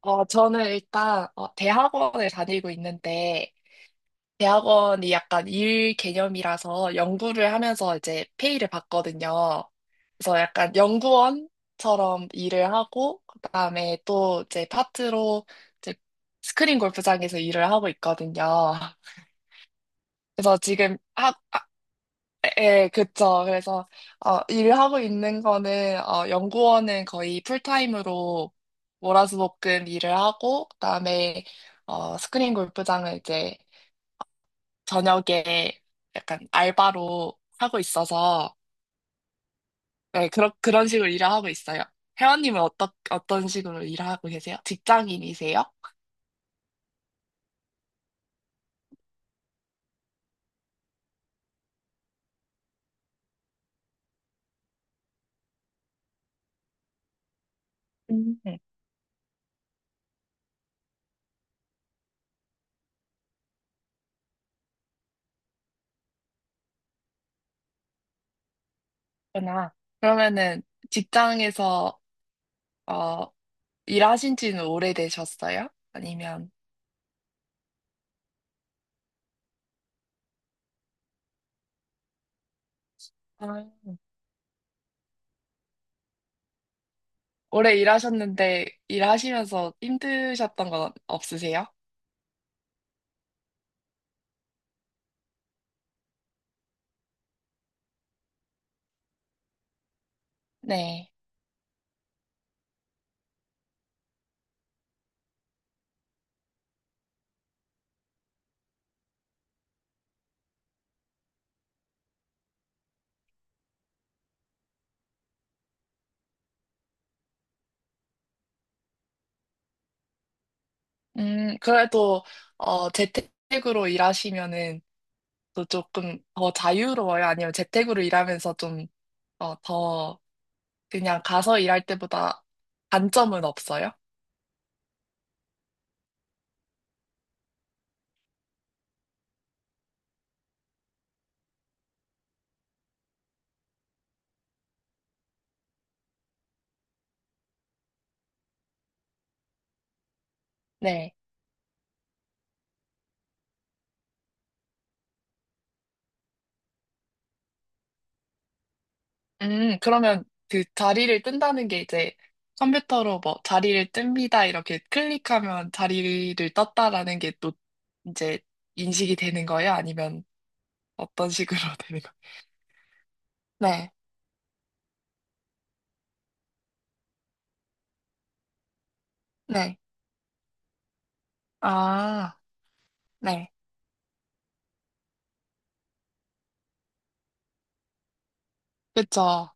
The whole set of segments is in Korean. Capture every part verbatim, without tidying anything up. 어, 저는 일단 어, 대학원을 다니고 있는데 대학원이 약간 일 개념이라서 연구를 하면서 이제 페이를 받거든요. 그래서 약간 연구원처럼 일을 하고 그다음에 또 이제 파트로 이제 스크린 골프장에서 일을 하고 있거든요. 그래서 지금 하, 예, 그쵸. 그래서, 어, 일하고 있는 거는, 어, 연구원은 거의 풀타임으로 월화수목금 일을 하고, 그다음에, 어, 스크린 골프장을 이제 저녁에 약간 알바로 하고 있어서, 네, 그런, 그런 식으로 일을 하고 있어요. 회원님은 어떠, 어떤 식으로 일을 하고 계세요? 직장인이세요? 음. 네, 그러나 그러면은 직장에서, 어, 일하신 지는 오래되셨어요? 아니면? 오래 일하셨는데 일하시면서 힘드셨던 건 없으세요? 네. 음, 그래도 어, 재택으로 일하시면은 또 조금 더 자유로워요? 아니면 재택으로 일하면서 좀 어, 더 그냥 가서 일할 때보다 단점은 없어요? 네. 음, 그러면 그 자리를 뜬다는 게 이제 컴퓨터로 뭐 자리를 뜹니다 이렇게 클릭하면 자리를 떴다라는 게 또 이제 인식이 되는 거예요? 아니면 어떤 식으로 되는 거예요? 네, 네. 아, 네. 그쵸.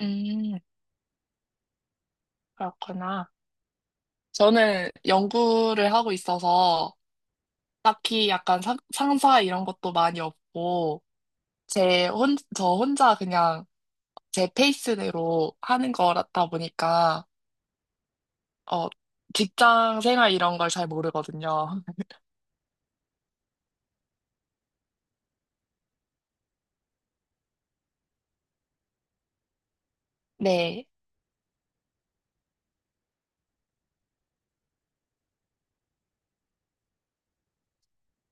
음, 그렇구나. 저는 연구를 하고 있어서 딱히 약간 상, 상사 이런 것도 많이 없고, 제 혼, 저 혼자 그냥 제 페이스대로 하는 거다 보니까, 어, 직장 생활 이런 걸 잘 모르거든요. 네.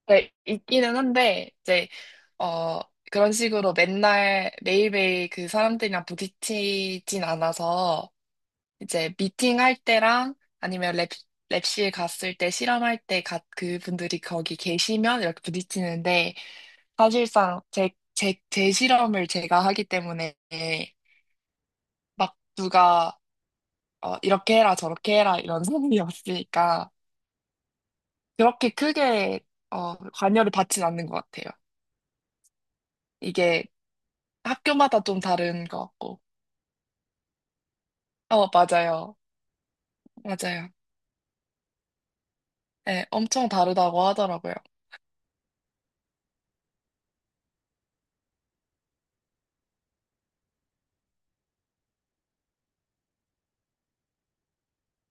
네, 있기는 한데, 이제, 어, 그런 식으로 맨날 매일매일 그 사람들이랑 부딪히진 않아서, 이제 미팅할 때랑 아니면 랩, 랩실 갔을 때 실험할 때 가, 그분들이 거기 계시면 이렇게 부딪히는데 사실상 제, 제, 제 실험을 제가 하기 때문에 막 누가 어, 이렇게 해라 저렇게 해라 이런 소문이 없으니까 그렇게 크게 어, 관여를 받진 않는 것 같아요. 이게 학교마다 좀 다른 것 같고. 어, 맞아요. 맞아요. 네, 엄청 다르다고 하더라고요.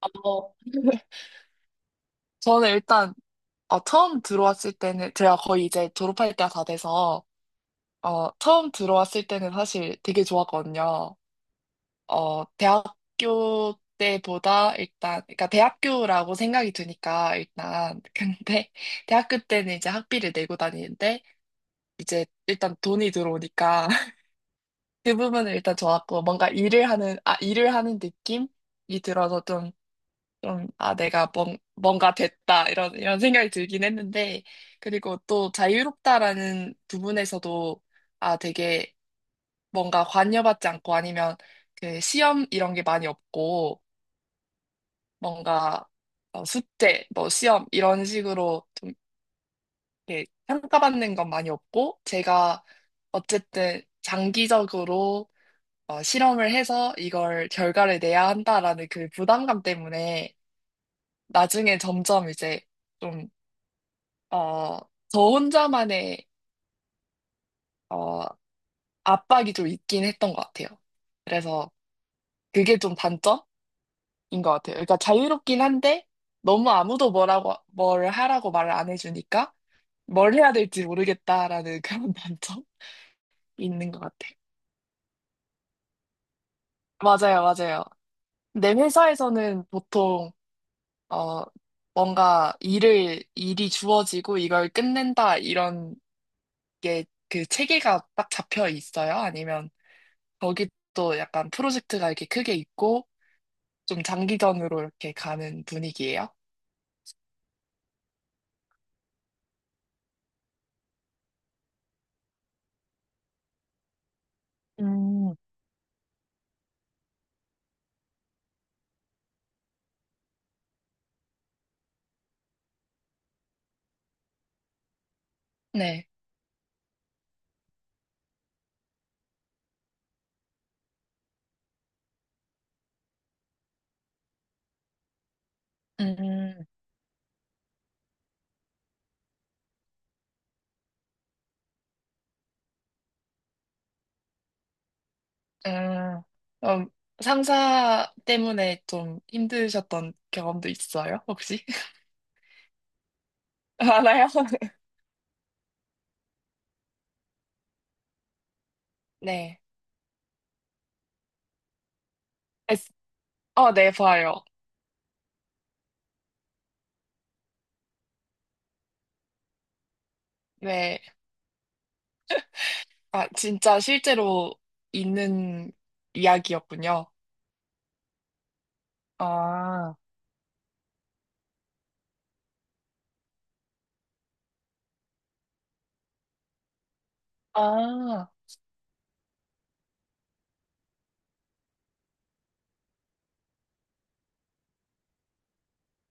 어, 저는 일단 어, 처음 들어왔을 때는 제가 거의 이제 졸업할 때가 다 돼서 어, 처음 들어왔을 때는 사실 되게 좋았거든요. 어, 대학교 때보다 일단 그러니까 대학교라고 생각이 드니까 일단 근데 대학교 때는 이제 학비를 내고 다니는데 이제 일단 돈이 들어오니까 그 부분은 일단 좋았고 뭔가 일을 하는 아 일을 하는 느낌이 들어서 좀, 아, 내가 뭔, 뭔가 됐다, 이런, 이런 생각이 들긴 했는데, 그리고 또 자유롭다라는 부분에서도, 아, 되게 뭔가 관여받지 않고 아니면 그 시험 이런 게 많이 없고, 뭔가 어, 숙제, 뭐 시험 이런 식으로 좀 이렇게 평가받는 건 많이 없고, 제가 어쨌든 장기적으로 어, 실험을 해서 이걸 결과를 내야 한다라는 그 부담감 때문에 나중에 점점 이제 좀 어, 저 혼자만의 어, 압박이 좀 있긴 했던 것 같아요. 그래서 그게 좀 단점인 것 같아요. 그러니까 자유롭긴 한데 너무 아무도 뭐라고 뭘 하라고 말을 안 해주니까 뭘 해야 될지 모르겠다라는 그런 단점이 있는 것 같아요. 맞아요, 맞아요. 내 회사에서는 보통 어, 뭔가 일을 일이 주어지고 이걸 끝낸다 이런 게 그 체계가 딱 잡혀 있어요? 아니면 거기 또 약간 프로젝트가 이렇게 크게 있고 좀 장기전으로 이렇게 가는 분위기예요. 음, 네. 음, 음, 그럼 상사 때문에 좀 힘드셨던 경험도 있어요, 혹시? 알아요? 네. 에스- 어, 네, 봐요. 네. 아, 진짜 실제로 있는 이야기였군요. 아, 아.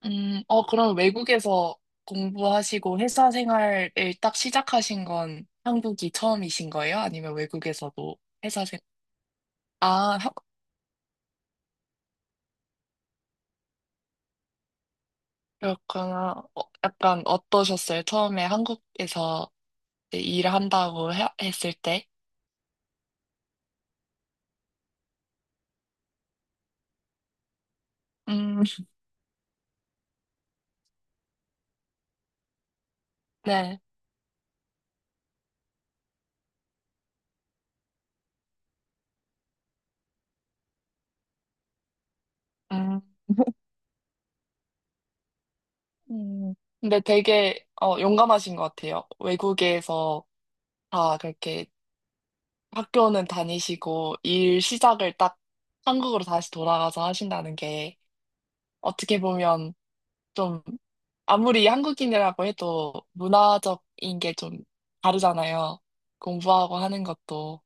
음, 어, 그럼 외국에서 공부하시고 회사 생활을 딱 시작하신 건 한국이 처음이신 거예요? 아니면 외국에서도 회사 생, 아, 하- 그렇구나. 어, 약간 어떠셨어요? 처음에 한국에서 이제 일을 한다고 해- 했을 때? 음, 네. 음, 음. 근데 되게 어, 용감하신 것 같아요. 외국에서 다 그렇게 학교는 다니시고 일 시작을 딱 한국으로 다시 돌아가서 하신다는 게. 어떻게 보면 좀 아무리 한국인이라고 해도 문화적인 게 좀 다르잖아요. 공부하고 하는 것도.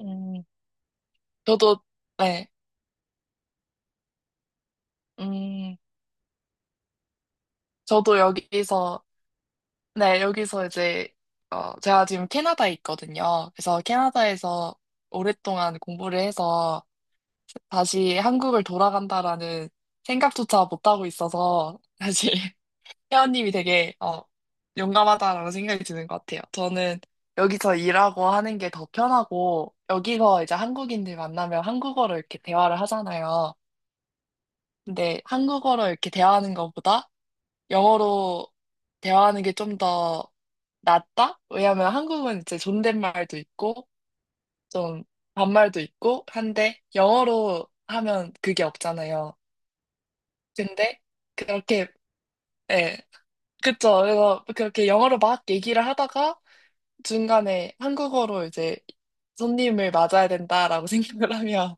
음, 저도, 네, 음, 저도 여기서, 네, 여기서 이제, 어, 제가 지금 캐나다에 있거든요. 그래서 캐나다에서 오랫동안 공부를 해서 다시 한국을 돌아간다라는 생각조차 못하고 있어서, 사실. 혜원님이 되게 어, 용감하다라는 생각이 드는 것 같아요. 저는 여기서 일하고 하는 게 더 편하고 여기서 이제 한국인들 만나면 한국어로 이렇게 대화를 하잖아요. 근데 한국어로 이렇게 대화하는 것보다 영어로 대화하는 게 좀 더 낫다? 왜냐하면 한국은 이제 존댓말도 있고 좀 반말도 있고 한데 영어로 하면 그게 없잖아요. 근데 그렇게 예. 그쵸. 그래서 그렇게 영어로 막 얘기를 하다가 중간에 한국어로 이제 손님을 맞아야 된다라고 생각을 하면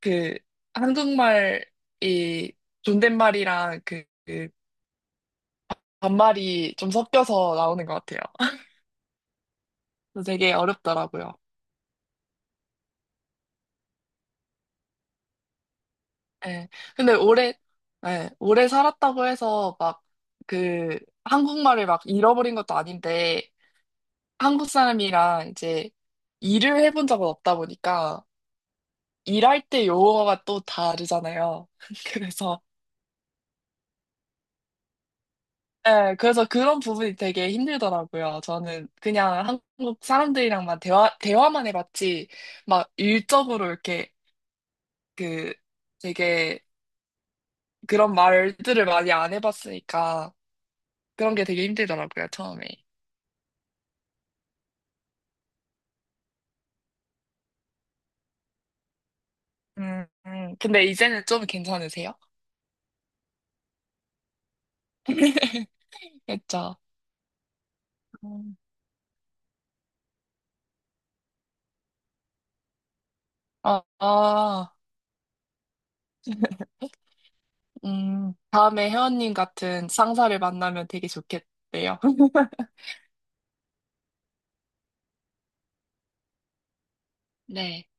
그 한국말이 존댓말이랑 그, 그 반말이 좀 섞여서 나오는 것 같아요. 그래서 되게 어렵더라고요. 예. 근데 오래, 예, 오래 살았다고 해서 막 그 한국말을 막 잃어버린 것도 아닌데 한국 사람이랑 이제 일을 해본 적은 없다 보니까 일할 때 용어가 또 다르잖아요. 그래서 네, 그래서 그런 부분이 되게 힘들더라고요. 저는 그냥 한국 사람들이랑만 대화, 대화만 해봤지, 막 일적으로 이렇게 그 되게 그런 말들을 많이 안 해봤으니까 그런 게 되게 힘들더라고요, 처음에. 음, 음. 근데 이제는 좀 괜찮으세요? 그쵸? 음. 아, 아, 음. 다음에 회원님 같은 상사를 만나면 되게 좋겠대요. 네.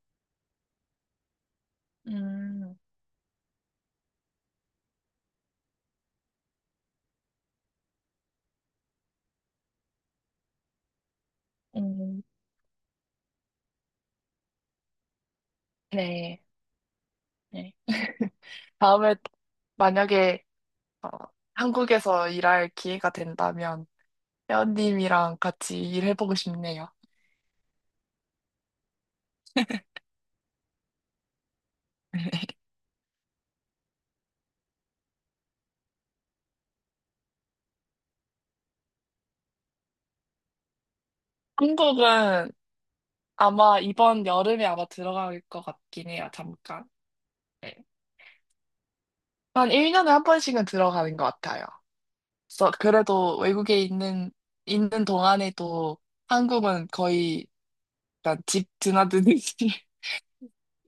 음, 음, 네. 네. 다음에 만약에 어, 한국에서 일할 기회가 된다면 회원님이랑 같이 일해보고 싶네요. 한국은 아마 이번 여름에 아마 들어갈 것 같긴 해요, 잠깐. 네. 한 일 년에 한 번씩은 들어가는 것 같아요. 그래서 그래도 외국에 있는, 있는 동안에도 한국은 거의 약간 집 드나드듯이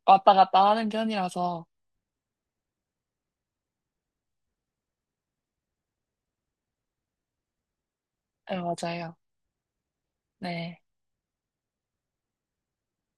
왔다 갔다 하는 편이라서. 네, 맞아요. 네.